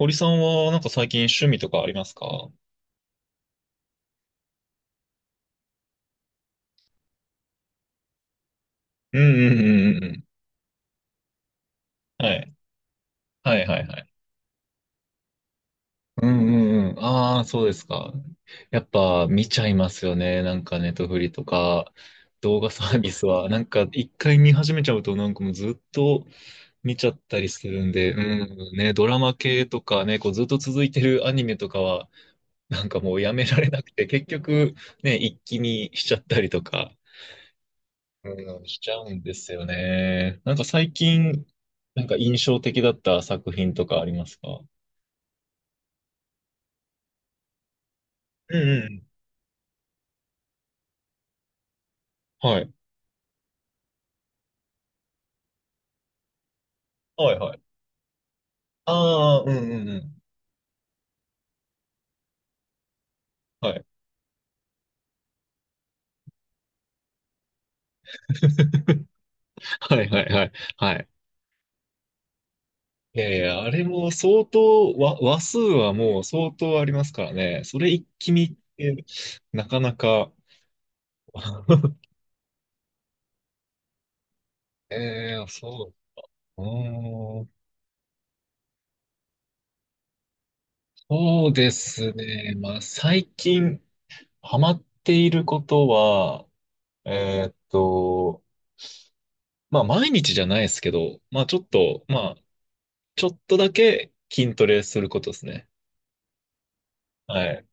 堀さんはなんか最近趣味とかありますか？うんうんうんうんうん。はい。はいはいはい。うんうんうん。ああ、そうですか。やっぱ見ちゃいますよね。なんかネットフリとか動画サービスは。なんか一回見始めちゃうとなんかもうずっと見ちゃったりするんで、うん、ね、ドラマ系とかね、こうずっと続いてるアニメとかはなんかもうやめられなくて、結局ね、一気見しちゃったりとかうん、しちゃうんですよね。なんか最近、なんか印象的だった作品とかありますか？うんうんうん。はい。はいはい。ああ、うんうんうん。はい。はいはいはい。はい。いやいや、あれも相当、話数はもう相当ありますからね。それ一気見ってなかなか。ええそう。うーん、そうですね。まあ、最近ハマっていることは、えーっと、まあ毎日じゃないですけど、まあちょっとだけ筋トレすることですね。はい。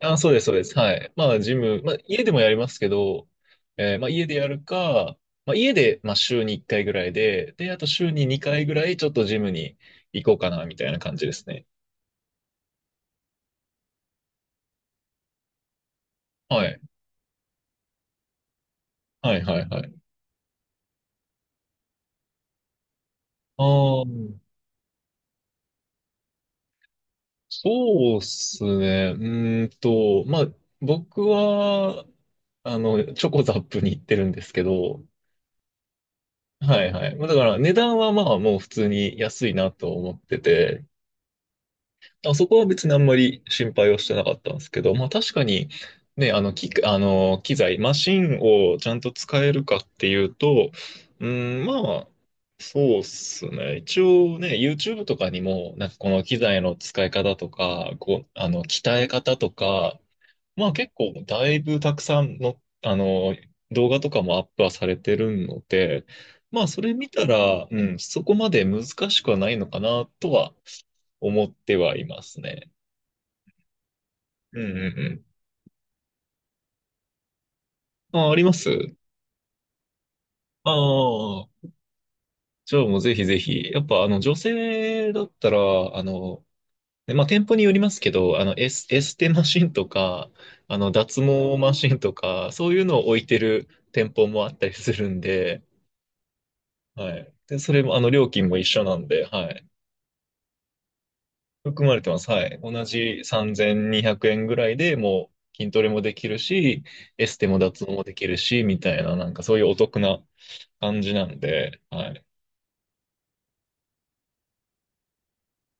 あ、そうです、そうです。はい。まあジム、まあ家でもやりますけど、まあ家でやるか、まあ家で、まあ週に1回ぐらいで、で、あと週に2回ぐらいちょっとジムに行こうかな、みたいな感じですね。はい。はい、はい、はい。ああ、そうっすね。まあ僕は、チョコザップに行ってるんですけど、はいはい。まあだから値段はまあもう普通に安いなと思ってて、あそこは別にあんまり心配をしてなかったんですけど、まあ確かにね、あの機材、マシンをちゃんと使えるかっていうと、うん、まあ、そうっすね。一応ね、YouTube とかにも、なんかこの機材の使い方とか、こう、鍛え方とか、まあ結構だいぶたくさんの、動画とかもアップはされてるので、まあそれ見たら、うん、そこまで難しくはないのかなとは思ってはいますね。うんうんうん。あ、あります。ああ、じゃあもうぜひぜひ。やっぱあの女性だったら、あの、ねまあ店舗によりますけど、エステマシンとか、あの脱毛マシンとか、そういうのを置いてる店舗もあったりするんで、はい。で、それも、料金も一緒なんで、はい。含まれてます。はい。同じ3200円ぐらいでもう筋トレもできるし、エステも脱毛もできるし、みたいな、なんかそういうお得な感じなんで、はい。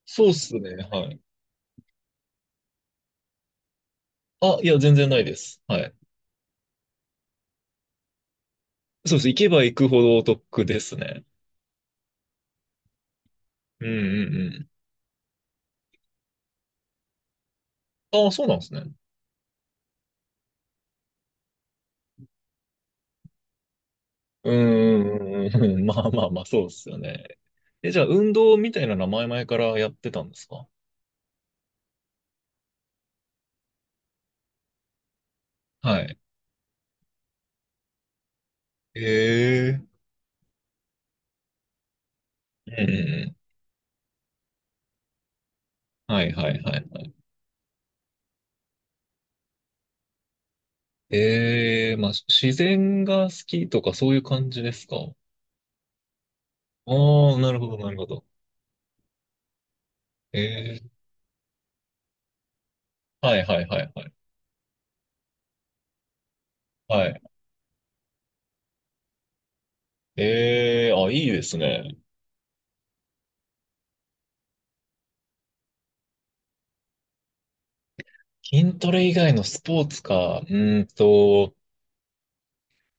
そうっすね、はい。あ、いや、全然ないです。はい。そうです。行けば行くほどお得ですね。うんうんうん。あ、そうなんですね。うんうんうんうん。まあまあまあ、そうですよね。え、じゃあ、運動みたいなのは前々からやってたんですか？はい。ええ。うんうんうんはいはいはいはい。ええ、まあ、自然が好きとかそういう感じですか？ああ、なるほど、なるほど。ええ、はいはいはいはい。はい。ええ、あ、いいですね。筋トレ以外のスポーツか。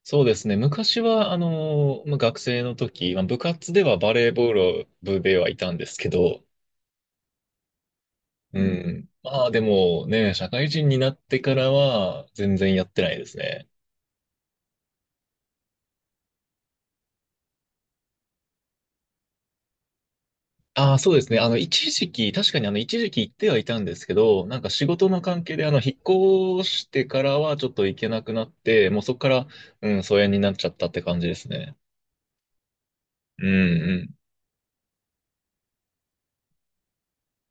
そうですね。昔は、まあ、学生の時、まあ、部活ではバレーボール部ではいたんですけど、うん。まあでもね、社会人になってからは全然やってないですね。ああ、そうですね。一時期、確かに一時期行ってはいたんですけど、なんか仕事の関係で、引っ越してからはちょっと行けなくなって、もうそこから、うん、疎遠になっちゃったって感じですね。うん、うん。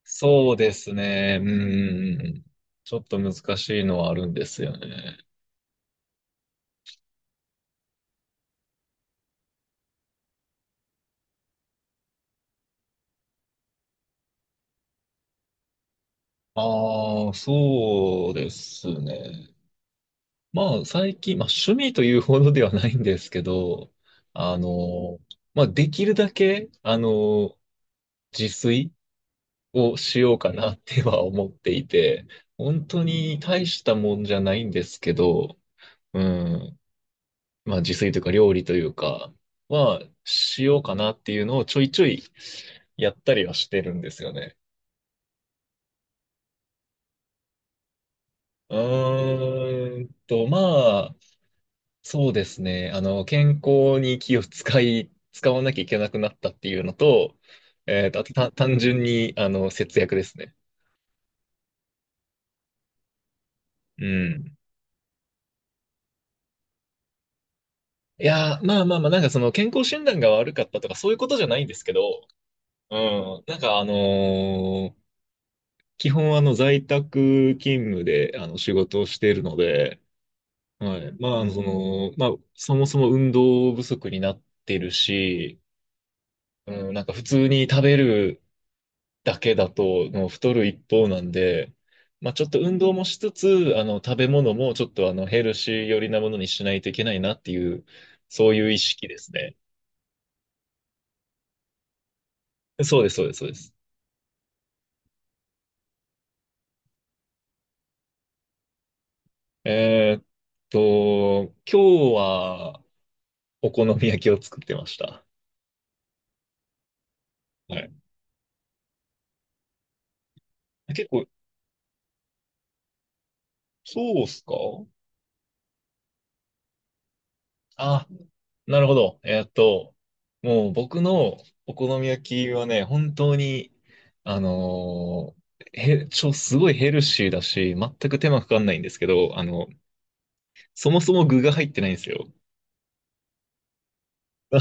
そうですね。うん、うんうん。ちょっと難しいのはあるんですよね。ああ、そうですね。まあ、最近、まあ、趣味というほどではないんですけど、あの、まあ、できるだけ、自炊をしようかなっては思っていて、本当に大したもんじゃないんですけど、うん、まあ自炊というか料理というかはしようかなっていうのをちょいちょいやったりはしてるんですよね。うまあ、そうですね。健康に気を使い、使わなきゃいけなくなったっていうのと、あとた単純に、節約ですね。うん。いやー、まあまあまあ、なんかその健康診断が悪かったとかそういうことじゃないんですけど、うん、なんか基本在宅勤務で仕事をしているので、はい、まあ、まあ、そもそも運動不足になってるし、うん、なんか普通に食べるだけだともう太る一方なんで、まあちょっと運動もしつつ、食べ物もちょっとヘルシー寄りなものにしないといけないなっていう、そういう意識ですね。そうです、そうです、そうです。えーっ今日はお好み焼きを作ってました。はい。結構、そうっすかあ、なるほど。もう僕のお好み焼きはね、本当に、あのーへ、ちょ、すごいヘルシーだし、全く手間かかんないんですけど、そもそも具が入ってないんですよ。そ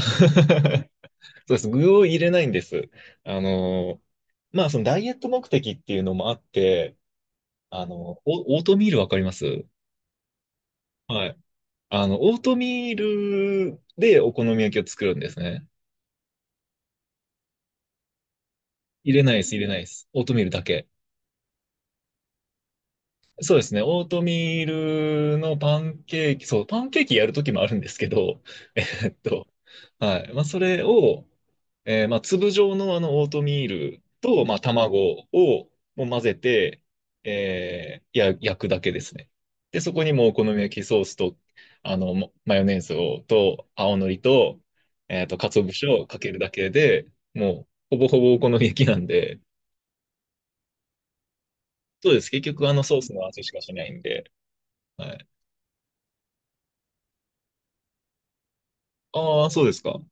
うです。具を入れないんです。あのーまあ、そのダイエット目的っていうのもあって、オオートミールわかりますはい。オートミールでお好み焼きを作るんですね。入れないです、入れないです。オートミールだけ。そうですね。オートミールのパンケーキ、そう、パンケーキやるときもあるんですけど、えーっと、はい。まあ、それを、まあ、粒状のオートミールと、まあ、卵をもう混ぜて、焼くだけですね。で、そこにもうお好み焼きソースと、もマヨネーズを、と、青のりと、鰹節をかけるだけで、もう、ほぼほぼお好み焼きなんで、そうです。結局、あのソースの味しかしないんで、はい。ああ、そうですか。うん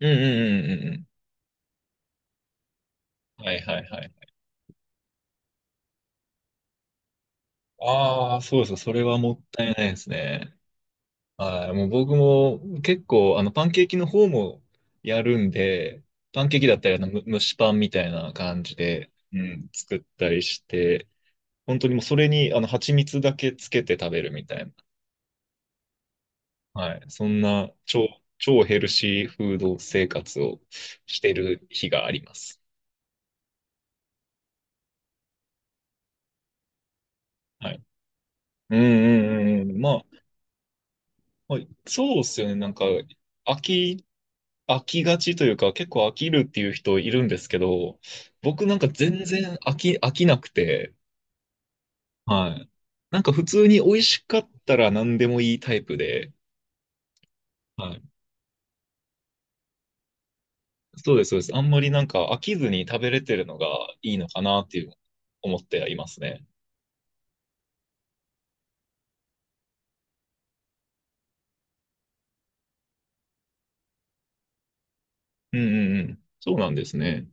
うんうんうんうん。はいはいはい。ああ、そうですか。それはもったいないですね。はい。もう僕も結構、パンケーキの方もやるんで、パンケーキだったり、蒸しパンみたいな感じで、うん、作ったりして、本当にもうそれに、蜂蜜だけつけて食べるみたいな。はい。そんな超ヘルシーフード生活をしてる日があります。はい。うんうんうんうん。まあ、はい、そうっすよね。なんか、飽き、飽きがちというか、結構飽きるっていう人いるんですけど、僕なんか全然飽きなくて、はい。なんか普通に美味しかったら何でもいいタイプで、はい。そうです、そうです。あんまりなんか飽きずに食べれてるのがいいのかなっていう思ってはいますね。うんうんうん。そうなんですね。